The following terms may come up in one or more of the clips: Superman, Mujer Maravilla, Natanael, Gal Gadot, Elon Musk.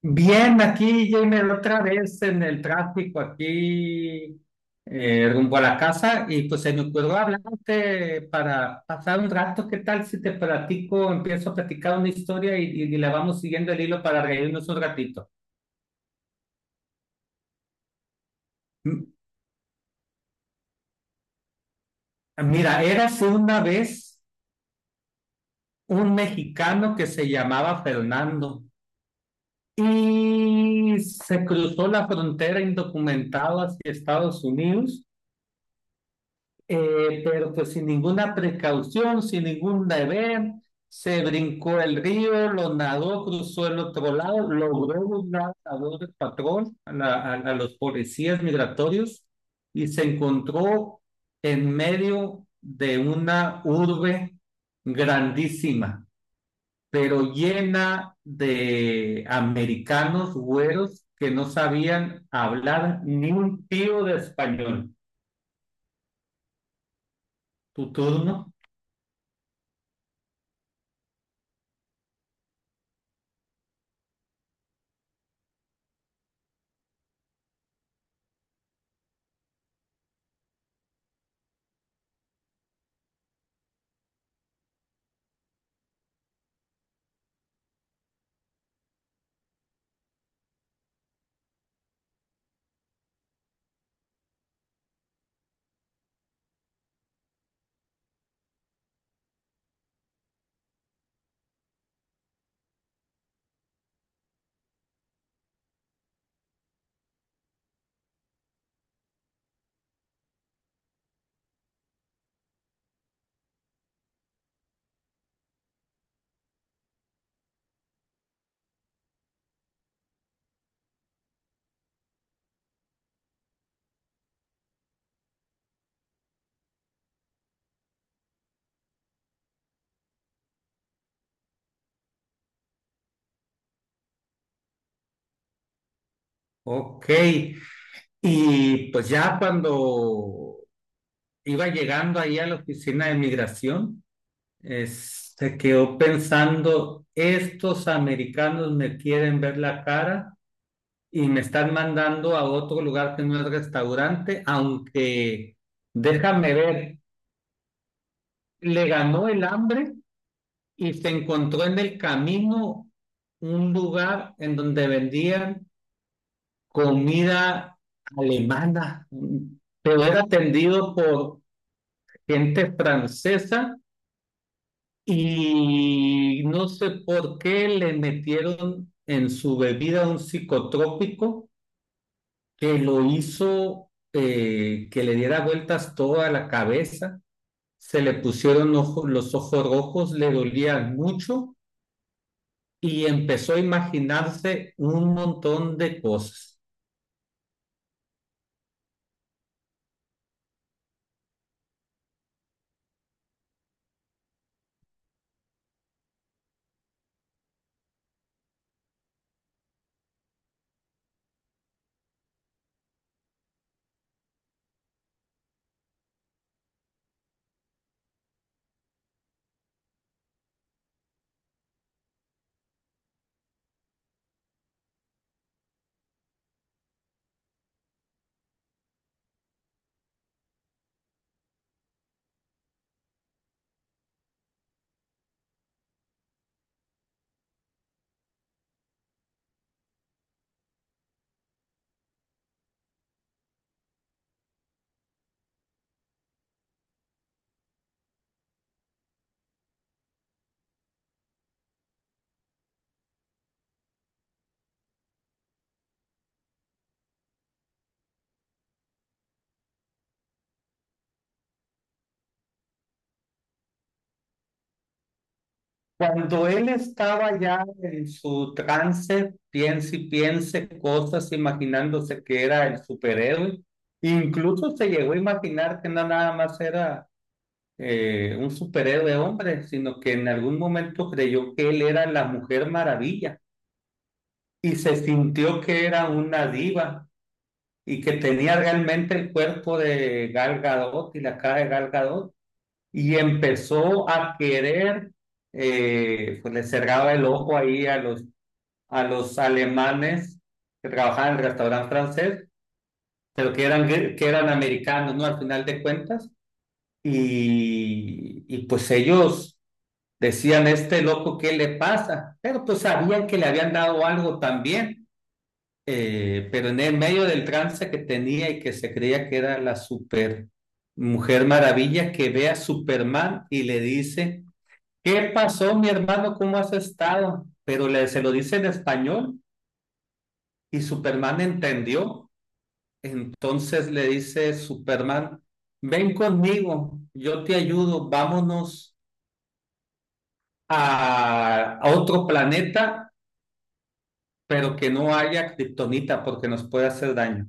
Bien, aquí, Jamer, otra vez en el tráfico, aquí rumbo a la casa, y pues se me ocurrió hablarte para pasar un rato. ¿Qué tal si te platico, empiezo a platicar una historia y la vamos siguiendo el hilo para reírnos un ratito? M- Mira, érase una vez un mexicano que se llamaba Fernando y se cruzó la frontera indocumentado hacia Estados Unidos. Pero pues sin ninguna precaución, sin ningún deber, se brincó el río, lo nadó, cruzó el otro lado, logró burlar a dos del patrón, a los policías migratorios, y se encontró en medio de una urbe grandísima, pero llena de americanos güeros que no sabían hablar ni un tío de español. Tu turno. Ok. Y pues ya cuando iba llegando ahí a la oficina de migración, se quedó pensando, estos americanos me quieren ver la cara y me están mandando a otro lugar que no es restaurante, aunque déjame ver, le ganó el hambre y se encontró en el camino un lugar en donde vendían comida alemana, pero era atendido por gente francesa y no sé por qué le metieron en su bebida un psicotrópico que lo hizo, que le diera vueltas toda la cabeza, se le pusieron los ojos rojos, le dolían mucho y empezó a imaginarse un montón de cosas. Cuando él estaba ya en su trance, piense y piense cosas, imaginándose que era el superhéroe, incluso se llegó a imaginar que no nada más era un superhéroe hombre, sino que en algún momento creyó que él era la Mujer Maravilla y se sintió que era una diva y que tenía realmente el cuerpo de Gal Gadot y la cara de Gal Gadot y empezó a querer, pues le cerraba el ojo ahí a los alemanes que trabajaban en el restaurante francés, pero que eran americanos, ¿no? Al final de cuentas. Y pues ellos decían, este loco, ¿qué le pasa? Pero pues sabían que le habían dado algo también, pero en el medio del trance que tenía y que se creía que era la super mujer maravilla que ve a Superman y le dice, ¿qué pasó, mi hermano? ¿Cómo has estado? Pero le, se lo dice en español y Superman entendió. Entonces le dice Superman, ven conmigo, yo te ayudo, vámonos a otro planeta, pero que no haya kriptonita porque nos puede hacer daño.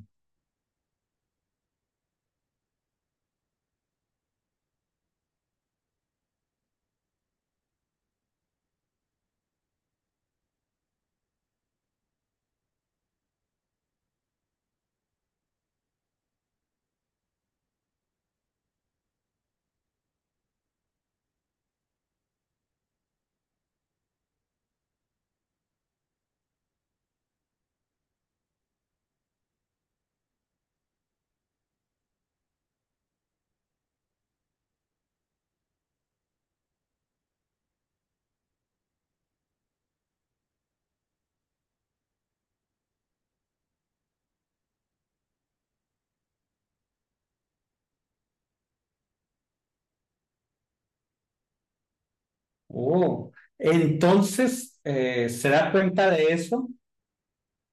Oh, entonces se da cuenta de eso.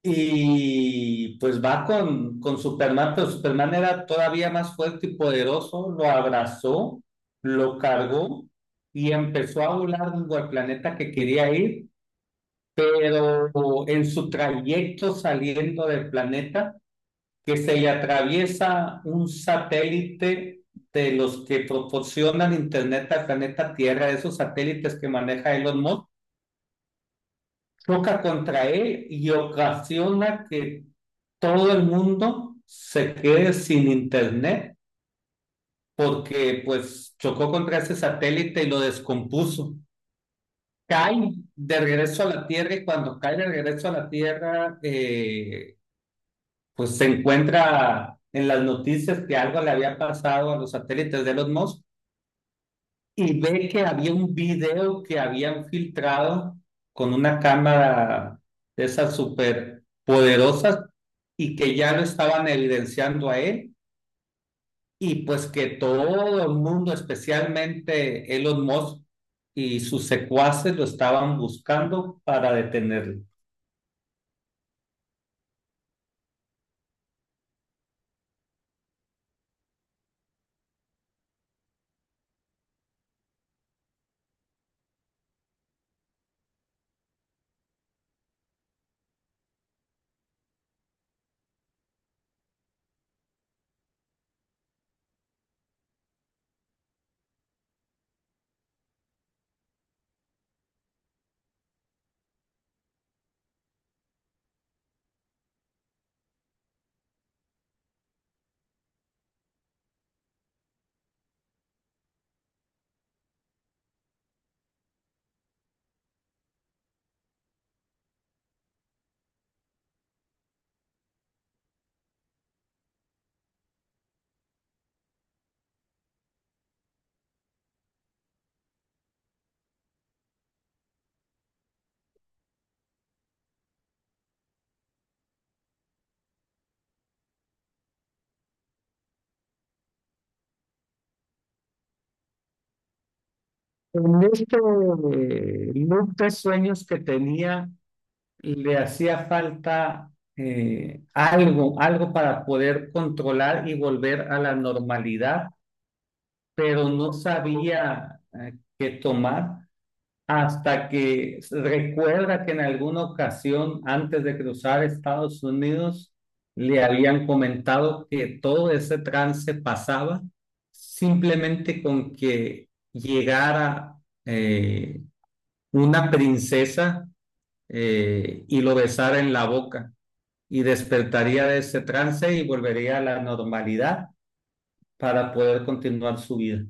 Y pues va con Superman, pero Superman era todavía más fuerte y poderoso, lo abrazó, lo cargó y empezó a volar rumbo al planeta que quería ir, pero en su trayecto saliendo del planeta, que se le atraviesa un satélite de los que proporcionan internet al planeta Tierra, esos satélites que maneja Elon Musk, choca contra él y ocasiona que todo el mundo se quede sin internet porque pues chocó contra ese satélite y lo descompuso. Cae de regreso a la Tierra y cuando cae de regreso a la Tierra, pues se encuentra en las noticias que algo le había pasado a los satélites de Elon Musk y ve que había un video que habían filtrado con una cámara de esas súper poderosas y que ya lo estaban evidenciando a él. Y pues que todo el mundo, especialmente Elon Musk y sus secuaces, lo estaban buscando para detenerlo. En este loop de sueños que tenía, le hacía falta, algo, algo para poder controlar y volver a la normalidad, pero no sabía, qué tomar. Hasta que recuerda que en alguna ocasión antes de cruzar Estados Unidos le habían comentado que todo ese trance pasaba simplemente con que llegara eh, una princesa y lo besara en la boca y despertaría de ese trance y volvería a la normalidad para poder continuar su vida.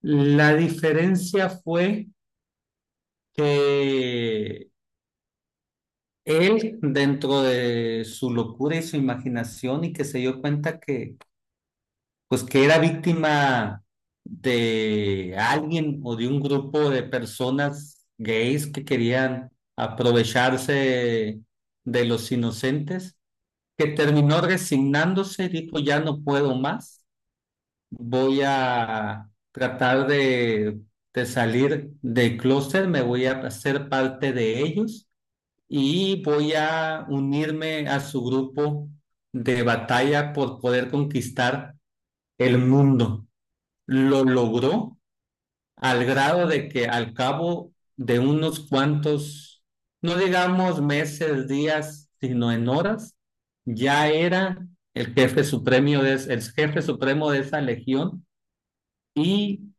La diferencia fue que él, dentro de su locura y su imaginación, y que se dio cuenta que, pues, que era víctima de alguien o de un grupo de personas gays que querían aprovecharse de los inocentes, que terminó resignándose, dijo, ya no puedo más, voy a tratar de salir del clóset, me voy a hacer parte de ellos y voy a unirme a su grupo de batalla por poder conquistar el mundo. Lo logró al grado de que al cabo de unos cuantos, no digamos meses, días, sino en horas, ya era el jefe supremo de, el jefe supremo de esa legión y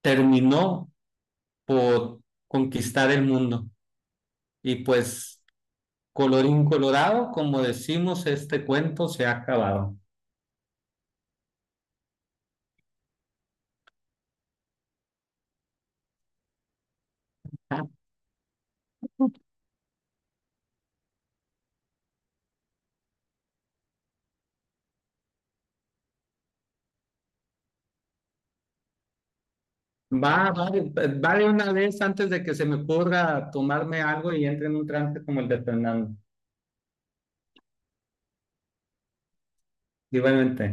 terminó por conquistar el mundo. Y pues colorín colorado, como decimos, este cuento se ha acabado. Va, va, va de una vez antes de que se me ocurra tomarme algo y entre en un trance como el de Fernando. Igualmente.